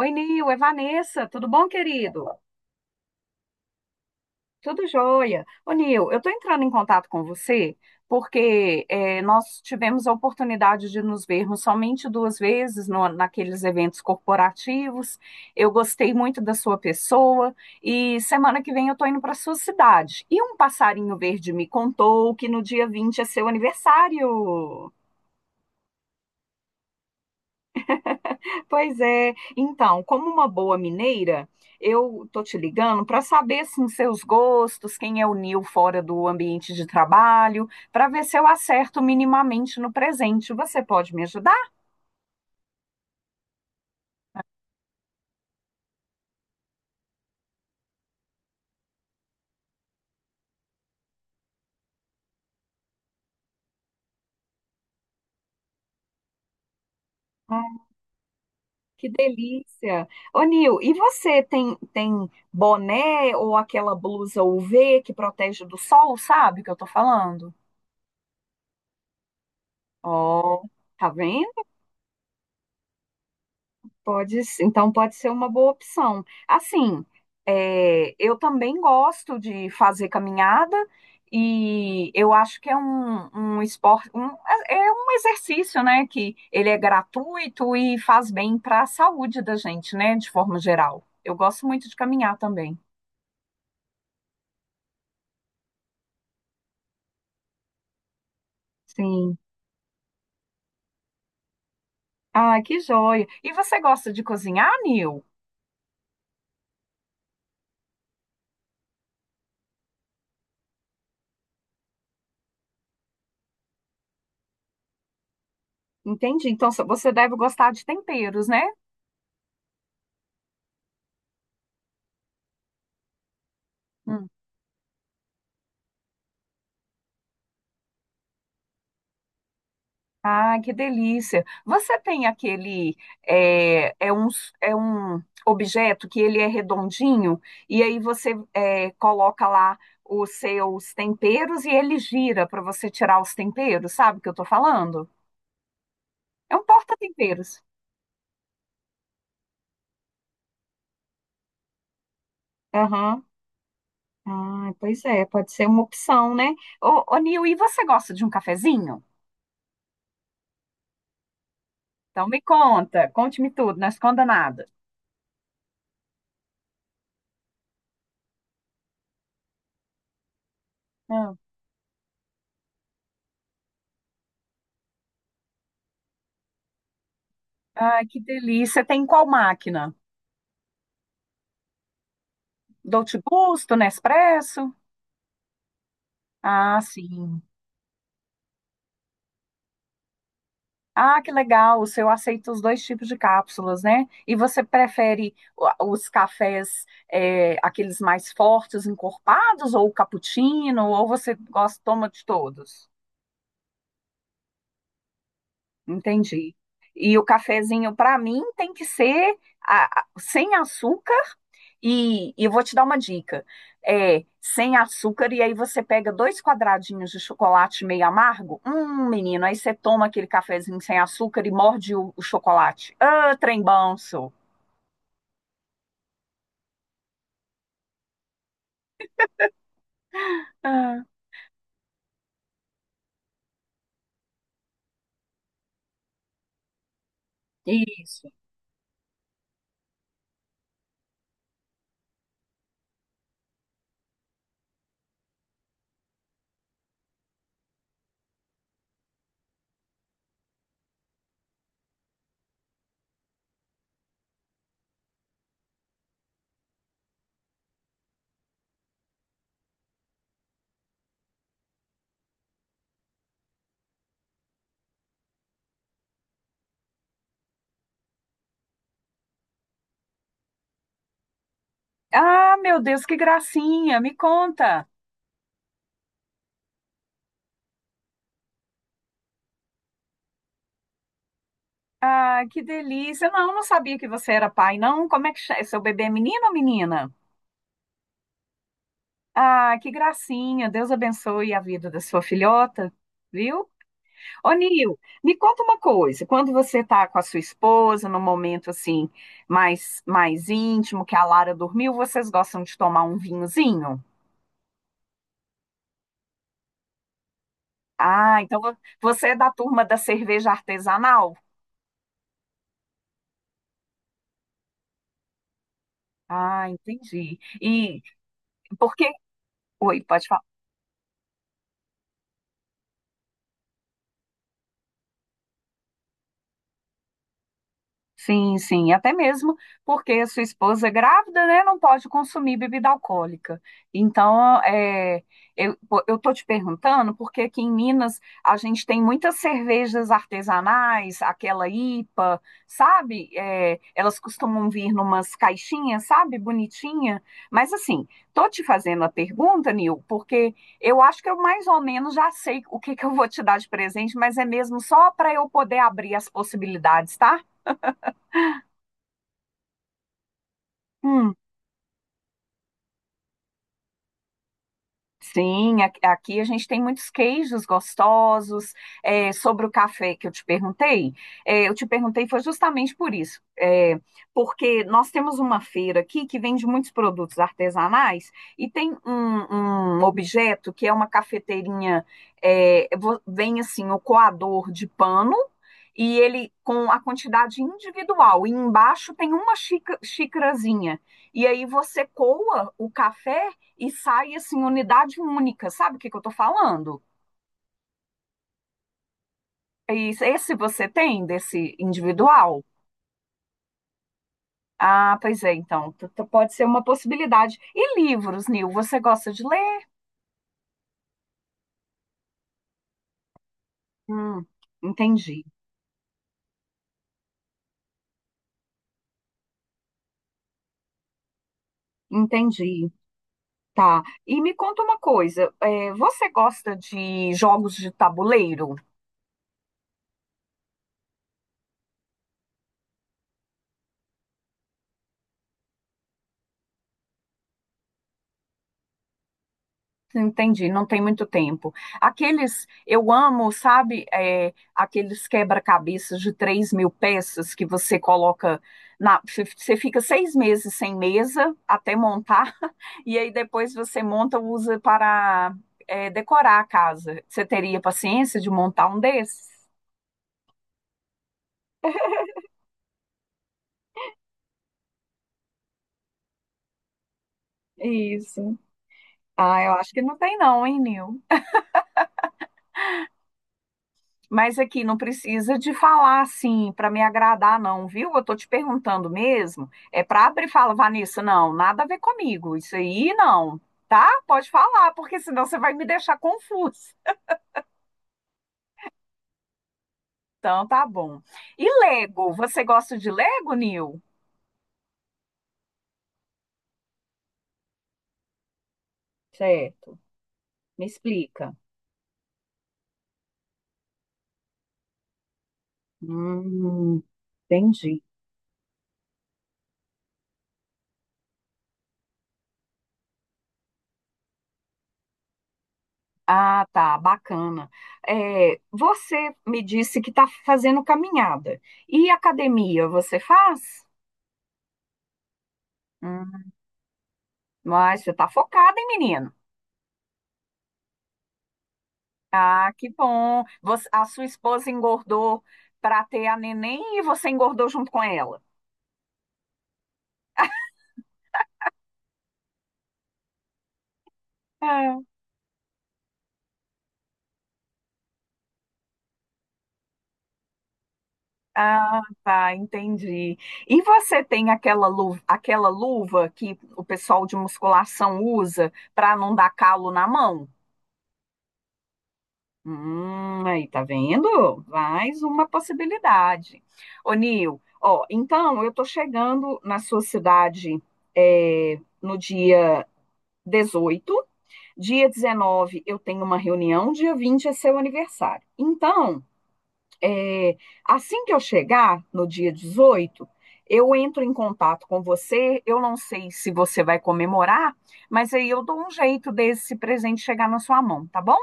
Oi, Nil, é Vanessa, tudo bom, querido? Tudo jóia. Ô, Nil, eu estou entrando em contato com você porque nós tivemos a oportunidade de nos vermos somente duas vezes naqueles eventos corporativos. Eu gostei muito da sua pessoa e semana que vem eu estou indo para sua cidade. E um passarinho verde me contou que no dia 20 é seu aniversário. Pois é. Então, como uma boa mineira, eu tô te ligando para saber assim, seus gostos, quem é o Nil fora do ambiente de trabalho, para ver se eu acerto minimamente no presente. Você pode me ajudar? Ah, que delícia! Ô, Nil, e você tem boné ou aquela blusa UV que protege do sol, sabe o que eu tô falando? Ó, tá vendo? Pode, então pode ser uma boa opção. Assim, é, eu também gosto de fazer caminhada e eu acho que é um esporte, é um exercício, né? Que ele é gratuito e faz bem para a saúde da gente, né? De forma geral. Eu gosto muito de caminhar também. Sim. Ah, que joia. E você gosta de cozinhar, Nil? Entendi. Então você deve gostar de temperos, né? Ah, que delícia! Você tem aquele é, é um, é um objeto que ele é redondinho e aí você coloca lá os seus temperos e ele gira para você tirar os temperos, sabe o que eu tô falando? É um porta-temperos. Aham. Ah, pois é, pode ser uma opção, né? Ô Nil, e você gosta de um cafezinho? Então me conta, conte-me tudo, não esconda nada. Ah. Ai, que delícia! Tem qual máquina? Dolce Gusto, Nespresso? Ah, sim. Ah, que legal. O seu aceita os dois tipos de cápsulas, né? E você prefere os cafés, aqueles mais fortes, encorpados, ou o cappuccino, ou você gosta, toma de todos? Entendi. E o cafezinho, para mim, tem que ser sem açúcar. E eu vou te dar uma dica. É, sem açúcar, e aí você pega dois quadradinhos de chocolate meio amargo. Menino, aí você toma aquele cafezinho sem açúcar e morde o chocolate. Ah, trem bom, sou. Ah, isso. Ah, meu Deus, que gracinha! Me conta. Ah, que delícia. Não, não sabia que você era pai, não. Como é que chama? Seu bebê é menino ou menina? Ah, que gracinha. Deus abençoe a vida da sua filhota, viu? Ô, Nil, me conta uma coisa. Quando você tá com a sua esposa, num momento assim mais íntimo, que a Lara dormiu, vocês gostam de tomar um vinhozinho? Ah, então você é da turma da cerveja artesanal? Ah, entendi. E por que? Oi, pode falar. Sim, sim, até mesmo porque a sua esposa é grávida, né, não pode consumir bebida alcoólica. Então, eu, pô, eu tô te perguntando porque aqui em Minas a gente tem muitas cervejas artesanais, aquela IPA, sabe? É, elas costumam vir numas caixinhas, sabe? Bonitinha. Mas assim, tô te fazendo a pergunta, Nil, porque eu acho que eu mais ou menos já sei o que que eu vou te dar de presente, mas é mesmo só para eu poder abrir as possibilidades, tá? Sim, aqui a gente tem muitos queijos gostosos. É, sobre o café que eu te perguntei, eu te perguntei foi justamente por isso, porque nós temos uma feira aqui que vende muitos produtos artesanais e tem um objeto que é uma cafeteirinha, vem assim o coador de pano e ele com a quantidade individual e embaixo tem uma xícarazinha e aí você coa o café e sai assim, unidade única. Sabe o que que eu tô falando? E esse você tem desse individual? Ah, pois é, então pode ser uma possibilidade. E livros, Nil, você gosta de ler? Hum, entendi, entendi. Tá. E me conta uma coisa, você gosta de jogos de tabuleiro? Entendi, não tem muito tempo. Aqueles, eu amo, sabe, aqueles quebra-cabeças de 3.000 peças que você coloca na. Você fica 6 meses sem mesa até montar, e aí depois você monta, usa para decorar a casa. Você teria paciência de montar um desses? Isso. Ah, eu acho que não tem, não, hein, Nil? Mas aqui não precisa de falar assim para me agradar, não, viu? Eu tô te perguntando mesmo. É para abrir e falar, Vanessa, não, nada a ver comigo. Isso aí não, tá? Pode falar, porque senão você vai me deixar confusa. Então tá bom. E Lego? Você gosta de Lego, Nil? Certo. Me explica. Hum, entendi. Ah, tá, bacana. É, você me disse que está fazendo caminhada. E academia, você faz? Mas você tá focada, hein, menino? Ah, que bom. A sua esposa engordou para ter a neném e você engordou junto com ela. Ah, ah, tá, entendi. E você tem aquela luva que o pessoal de musculação usa para não dar calo na mão? Aí tá vendo? Mais uma possibilidade. Ô, Nil, ó, então eu tô chegando na sua cidade no dia 18. Dia 19 eu tenho uma reunião, dia 20 é seu aniversário. Então, é, assim que eu chegar no dia 18 eu entro em contato com você. Eu não sei se você vai comemorar, mas aí eu dou um jeito desse presente chegar na sua mão, tá bom?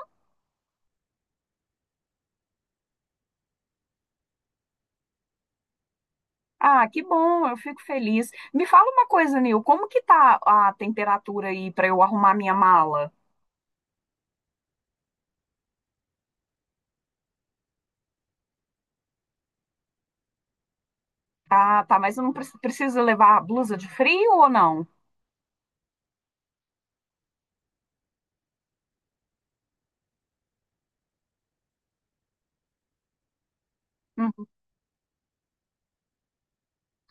Ah, que bom, eu fico feliz. Me fala uma coisa, Nil, como que tá a temperatura aí para eu arrumar minha mala? Ah, tá, mas eu não preciso levar blusa de frio ou não?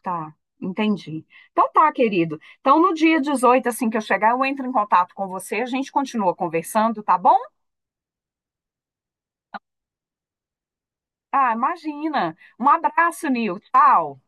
Tá, entendi. Então tá, querido. Então no dia 18 assim que eu chegar, eu entro em contato com você, a gente continua conversando, tá bom? Ah, imagina. Um abraço, Nil. Tchau.